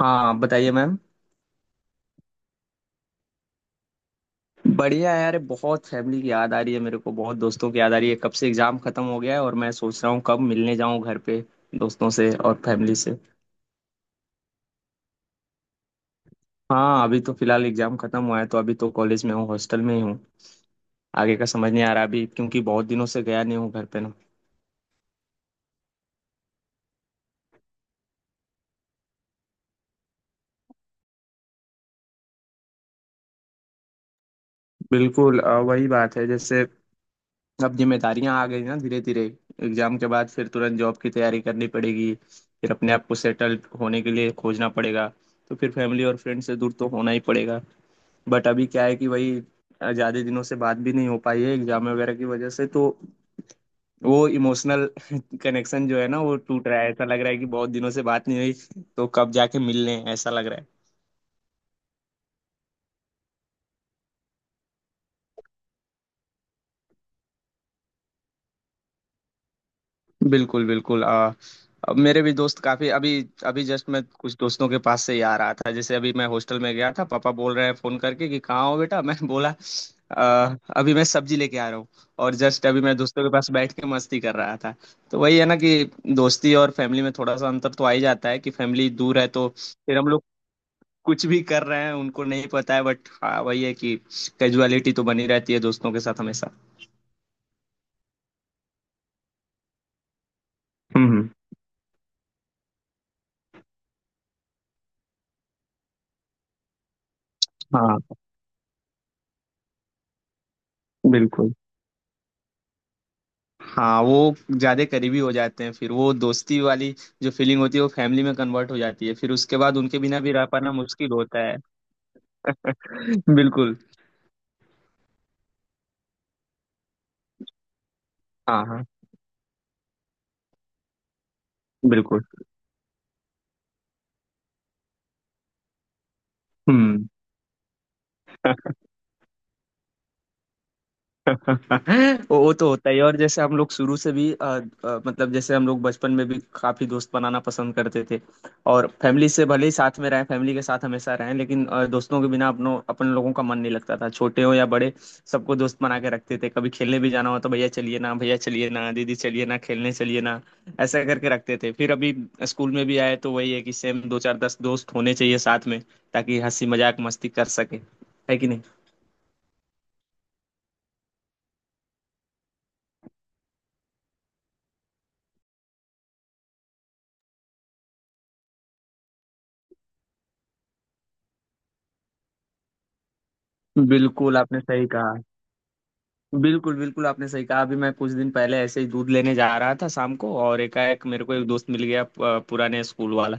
हाँ बताइए मैम। बढ़िया है यार। बहुत फैमिली की याद आ रही है मेरे को, बहुत दोस्तों की याद आ रही है। कब से एग्जाम खत्म हो गया है और मैं सोच रहा हूँ कब मिलने जाऊँ घर पे, दोस्तों से और फैमिली से। हाँ, अभी तो फिलहाल एग्जाम खत्म हुआ है तो अभी तो कॉलेज में हूँ, हॉस्टल में ही हूँ। आगे का समझ नहीं आ रहा अभी, क्योंकि बहुत दिनों से गया नहीं हूँ घर पे ना। बिल्कुल, वही बात है। जैसे अब जिम्मेदारियां आ गई ना धीरे धीरे। एग्जाम के बाद फिर तुरंत जॉब की तैयारी करनी पड़ेगी, फिर अपने आप को सेटल होने के लिए खोजना पड़ेगा, तो फिर फैमिली और फ्रेंड से दूर तो होना ही पड़ेगा। बट अभी क्या है कि वही, ज्यादा दिनों से बात भी नहीं हो पाई है एग्जाम वगैरह की वजह से, तो वो इमोशनल कनेक्शन जो है ना वो टूट रहा है, ऐसा लग रहा है कि बहुत दिनों से बात नहीं हुई, तो कब जाके मिलने ऐसा लग रहा है। बिल्कुल बिल्कुल। अब मेरे भी दोस्त काफी अभी, अभी जस्ट मैं कुछ दोस्तों के पास से ही आ रहा था। जैसे अभी मैं हॉस्टल में गया था, पापा बोल रहे हैं फोन करके कि कहाँ हो बेटा। मैं बोला, अभी मैं सब्जी लेके आ रहा हूँ। और जस्ट अभी मैं दोस्तों के पास बैठ के मस्ती कर रहा था। तो वही है ना कि दोस्ती और फैमिली में थोड़ा सा अंतर तो आ ही जाता है कि फैमिली दूर है तो फिर हम लोग कुछ भी कर रहे हैं उनको नहीं पता है। बट हाँ, वही है कि कैजुअलिटी तो बनी रहती है दोस्तों के साथ हमेशा। हम्म हम्म। हाँ, बिल्कुल। हाँ, वो ज्यादा करीबी हो जाते हैं फिर। वो दोस्ती वाली जो फीलिंग होती है वो फैमिली में कन्वर्ट हो जाती है, फिर उसके बाद उनके बिना भी रह पाना मुश्किल होता है। बिल्कुल। हाँ हाँ। बिल्कुल। हम्म। वो तो होता ही है। और जैसे हम लोग शुरू से भी मतलब जैसे हम लोग बचपन में भी काफी दोस्त बनाना पसंद करते थे। और फैमिली से भले ही साथ में रहें, फैमिली के साथ हमेशा रहें, लेकिन दोस्तों के बिना अपन लोगों का मन नहीं लगता था। छोटे हो या बड़े, सबको दोस्त बना के रखते थे। कभी खेलने भी जाना हो तो भैया चलिए ना, भैया चलिए ना, दीदी चलिए ना, खेलने चलिए ना, ऐसा करके रखते थे। फिर अभी स्कूल में भी आए तो वही है कि सेम दो चार दस दोस्त होने चाहिए साथ में, ताकि हंसी मजाक मस्ती कर सके, है कि नहीं। बिल्कुल आपने सही, बिल्कुल बिल्कुल आपने सही कहा। अभी मैं कुछ दिन पहले ऐसे ही दूध लेने जा रहा था शाम को, और एकाएक मेरे को एक दोस्त मिल गया, पुराने स्कूल वाला।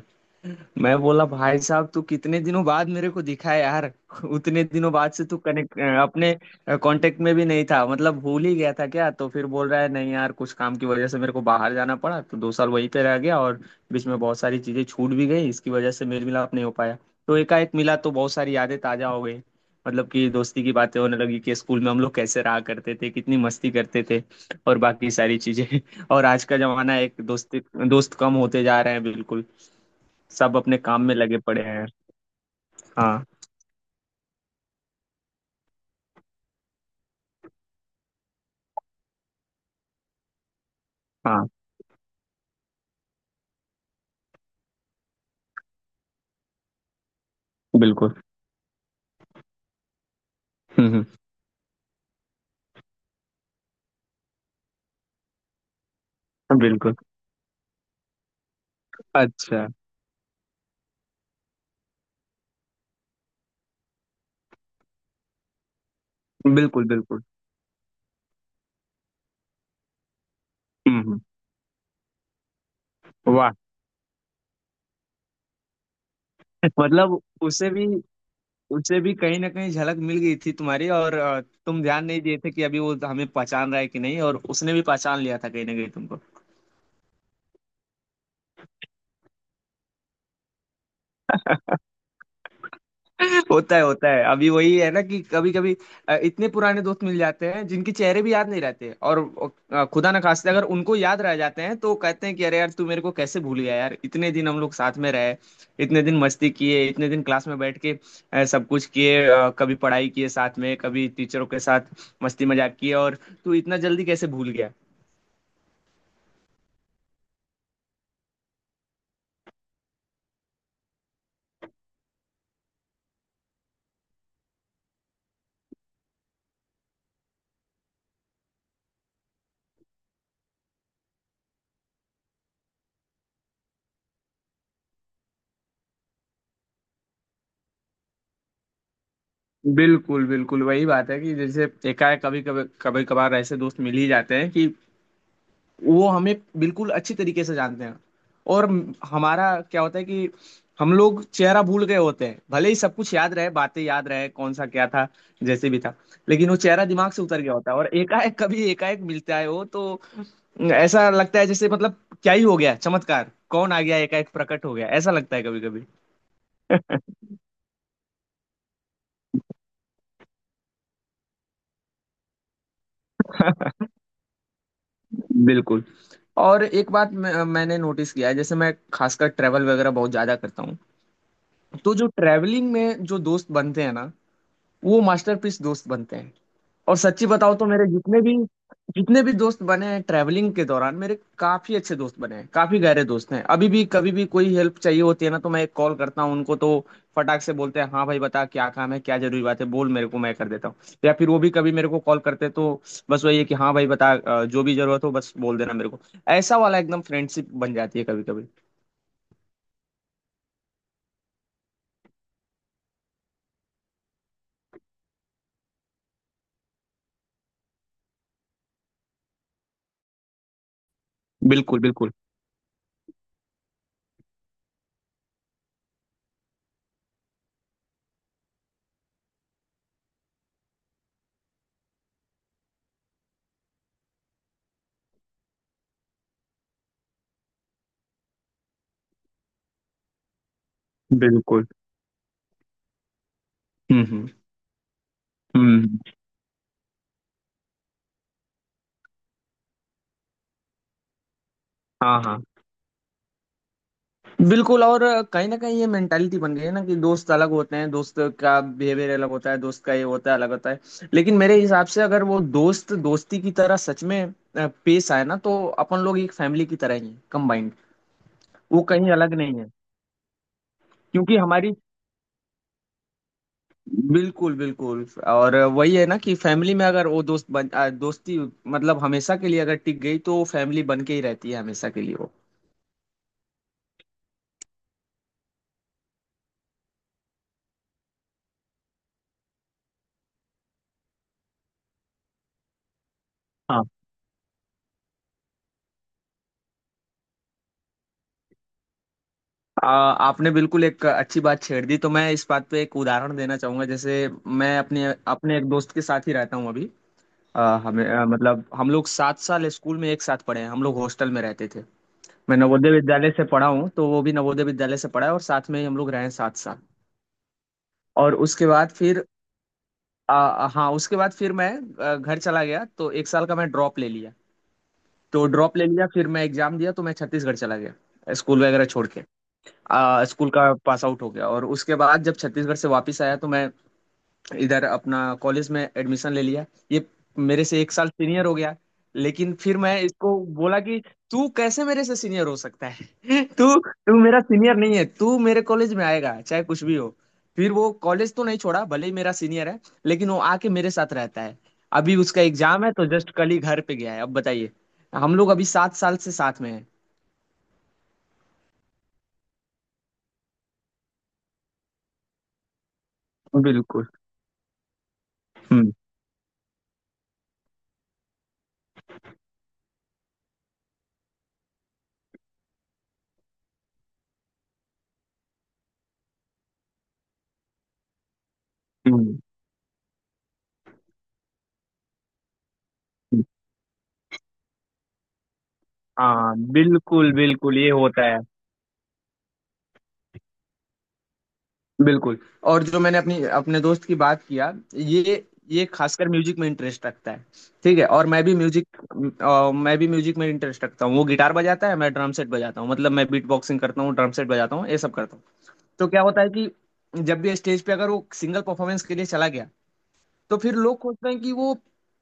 मैं बोला, भाई साहब तू कितने दिनों बाद मेरे को दिखा है यार। उतने दिनों बाद से तू कनेक्ट, अपने कांटेक्ट में भी नहीं था, मतलब भूल ही गया था क्या? तो फिर बोल रहा है, नहीं यार कुछ काम की वजह से मेरे को बाहर जाना पड़ा तो 2 साल वहीं पे रह गया, और बीच में बहुत सारी चीजें छूट भी गई, इसकी वजह से मेल मिलाप नहीं हो पाया। तो एकाएक मिला तो बहुत सारी यादें ताजा हो गई। मतलब कि दोस्ती की बातें होने लगी कि स्कूल में हम लोग कैसे रहा करते थे, कितनी मस्ती करते थे, और बाकी सारी चीजें। और आज का जमाना है, एक दोस्ती, दोस्त कम होते जा रहे हैं बिल्कुल। सब अपने काम में लगे पड़े हैं। हाँ। हाँ, बिल्कुल। हम्म। बिल्कुल। अच्छा। बिल्कुल बिल्कुल। हम्म। वाह। मतलब उसे भी, उसे भी कहीं ना कहीं झलक मिल गई थी तुम्हारी, और तुम ध्यान नहीं दिए थे कि अभी वो हमें पहचान रहा है कि नहीं, और उसने भी पहचान लिया था कहीं ना कहीं तुमको। होता है होता है। अभी वही है ना कि कभी कभी इतने पुराने दोस्त मिल जाते हैं जिनके चेहरे भी याद नहीं रहते, और खुदा ना खास्ते अगर उनको याद रह जाते हैं तो कहते हैं कि अरे यार तू मेरे को कैसे भूल गया यार, इतने दिन हम लोग साथ में रहे, इतने दिन मस्ती किए, इतने दिन क्लास में बैठ के सब कुछ किए, कभी पढ़ाई किए साथ में, कभी टीचरों के साथ मस्ती मजाक किए, और तू इतना जल्दी कैसे भूल गया। बिल्कुल बिल्कुल वही बात है कि जैसे एकाएक कभी कभी, कभी कभार ऐसे दोस्त मिल ही जाते हैं कि वो हमें बिल्कुल अच्छी तरीके से जानते हैं, और हमारा क्या होता है कि हम लोग चेहरा भूल गए होते हैं, भले ही सब कुछ याद रहे, बातें याद रहे, कौन सा क्या था जैसे भी था, लेकिन वो चेहरा दिमाग से उतर गया होता है। और एकाएक कभी एकाएक मिलता है वो, तो ऐसा लगता है जैसे, मतलब क्या ही हो गया, चमत्कार कौन आ गया, एकाएक प्रकट हो गया, ऐसा लगता है कभी कभी। बिल्कुल। और एक बात मैंने नोटिस किया है, जैसे मैं खासकर ट्रैवल वगैरह बहुत ज्यादा करता हूँ, तो जो ट्रैवलिंग में जो दोस्त बनते हैं ना वो मास्टरपीस दोस्त बनते हैं। और सच्ची बताओ तो मेरे जितने भी दोस्त बने हैं ट्रैवलिंग के दौरान, मेरे काफी अच्छे दोस्त बने हैं, काफी गहरे दोस्त हैं। अभी भी कभी भी कोई हेल्प चाहिए होती है ना तो मैं एक कॉल करता हूँ उनको, तो फटाक से बोलते हैं हाँ भाई बता क्या काम है, क्या जरूरी बात है बोल मेरे को, मैं कर देता हूँ। या फिर वो भी कभी मेरे को कॉल करते हैं, तो बस वही है कि हाँ भाई बता, जो भी जरूरत हो बस बोल देना मेरे को। ऐसा वाला एकदम फ्रेंडशिप बन जाती है कभी कभी। बिल्कुल बिल्कुल। बिल्कुल। हम्म। हम्म। हाँ हाँ। बिल्कुल। और कहीं ना कहीं ये मेंटालिटी बन गई है ना कि दोस्त अलग होते हैं, दोस्त का बिहेवियर अलग होता है, दोस्त का ये होता है, अलग होता है। लेकिन मेरे हिसाब से अगर वो दोस्त दोस्ती की तरह सच में पेश आए ना तो अपन लोग एक फैमिली की तरह ही हैं, कंबाइंड, वो कहीं अलग नहीं है। क्योंकि हमारी, बिल्कुल बिल्कुल। और वही है ना कि फैमिली में अगर वो दोस्त बन दोस्ती, मतलब हमेशा के लिए अगर टिक गई तो फैमिली बन के ही रहती है हमेशा के लिए वो। आपने बिल्कुल एक अच्छी बात छेड़ दी। तो मैं इस बात पे एक उदाहरण देना चाहूंगा। जैसे मैं अपने अपने एक दोस्त के साथ ही रहता हूँ अभी। हमें, मतलब हम लोग 7 साल स्कूल में एक साथ पढ़े हैं, हम लोग हॉस्टल में रहते थे। मैं नवोदय विद्यालय से पढ़ा हूँ तो वो भी नवोदय विद्यालय से पढ़ा है, और साथ में ही हम लोग रहे हैं 7 साल। और उसके बाद फिर हाँ उसके बाद फिर मैं घर चला गया तो 1 साल का मैं ड्रॉप ले लिया। तो ड्रॉप ले लिया, फिर मैं एग्जाम दिया तो मैं छत्तीसगढ़ चला गया स्कूल वगैरह छोड़ के। स्कूल का पास आउट हो गया, और उसके बाद जब छत्तीसगढ़ से वापस आया तो मैं इधर अपना कॉलेज में एडमिशन ले लिया। ये मेरे से 1 साल सीनियर हो गया। लेकिन फिर मैं इसको बोला कि तू कैसे मेरे से सीनियर हो सकता है। तू तू मेरा सीनियर नहीं है, तू मेरे कॉलेज में आएगा चाहे कुछ भी हो। फिर वो कॉलेज तो नहीं छोड़ा, भले ही मेरा सीनियर है, लेकिन वो आके मेरे साथ रहता है। अभी उसका एग्जाम है तो जस्ट कल ही घर पे गया है। अब बताइए, हम लोग अभी 7 साल से साथ में हैं। बिल्कुल। हम्म हम्म। हाँ बिल्कुल बिल्कुल ये होता है। बिल्कुल। और जो मैंने अपनी अपने दोस्त की बात किया, ये खासकर म्यूजिक में इंटरेस्ट रखता है। ठीक है, और मैं भी म्यूजिक में इंटरेस्ट रखता हूँ। वो गिटार बजाता है, मैं ड्रम सेट बजाता हूँ, मतलब मैं बीट बॉक्सिंग करता हूँ, ड्रम सेट बजाता हूँ, ये सब करता हूँ। तो क्या होता है कि जब भी स्टेज पे अगर वो सिंगल परफॉर्मेंस के लिए चला गया, तो फिर लोग सोचते हैं कि वो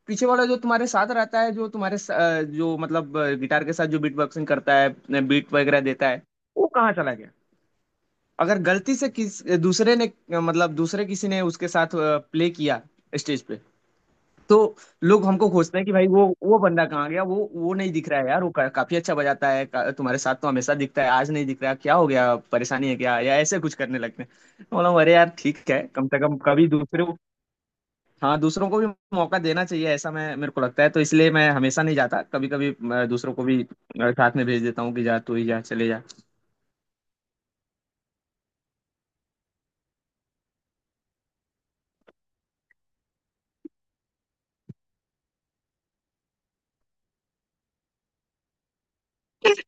पीछे वाला जो तुम्हारे साथ रहता है, जो तुम्हारे जो मतलब गिटार के साथ जो बीट बॉक्सिंग करता है, बीट वगैरह देता है, वो कहाँ चला गया। अगर गलती से किस दूसरे ने, मतलब दूसरे किसी ने उसके साथ प्ले किया स्टेज पे, तो लोग हमको खोजते हैं कि भाई वो बंदा कहाँ गया, वो नहीं दिख रहा है यार, काफी अच्छा बजाता है, तुम्हारे साथ तो हमेशा दिखता है, आज नहीं दिख रहा, क्या हो गया, परेशानी है क्या, या ऐसे कुछ करने लगते हैं। तो बोला हूँ, अरे यार ठीक है, कम से कम कभी दूसरे को, हाँ दूसरों को भी मौका देना चाहिए ऐसा मैं, मेरे को लगता है। तो इसलिए मैं हमेशा नहीं जाता, कभी कभी दूसरों को भी साथ में भेज देता हूँ कि जा तू ही जा, चले जा।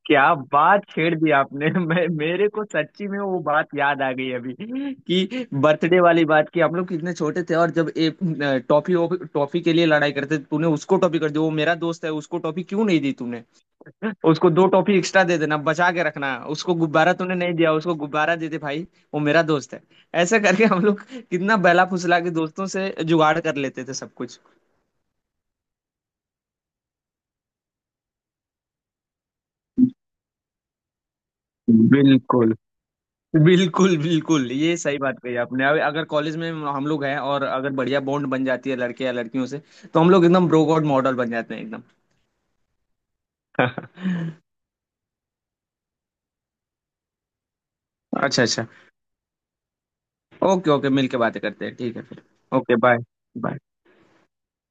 क्या बात छेड़ दी आपने, मैं मेरे को सच्ची में वो बात याद आ गई अभी कि बर्थडे वाली बात, कि हम लोग कितने छोटे थे और जब एक टॉफी टॉफी के लिए लड़ाई करते थे, तूने उसको टॉफी कर दी, वो मेरा दोस्त है उसको टॉफी क्यों नहीं दी तूने, उसको दो टॉफी एक्स्ट्रा दे देना बचा के रखना, उसको गुब्बारा तूने नहीं दिया उसको गुब्बारा दे दे भाई, वो मेरा दोस्त है। ऐसा करके हम लोग कितना बहला फुसला के दोस्तों से जुगाड़ कर लेते थे सब कुछ। बिल्कुल बिल्कुल। बिल्कुल, ये सही बात कही आपने। अब अगर कॉलेज में हम लोग हैं और अगर बढ़िया बॉन्ड बन जाती है लड़के या लड़कियों से, तो हम लोग एकदम ब्रो गॉड मॉडल बन जाते हैं एकदम। अच्छा अच्छा। ओके ओके, मिल के बातें करते हैं, ठीक है फिर। Okay bye.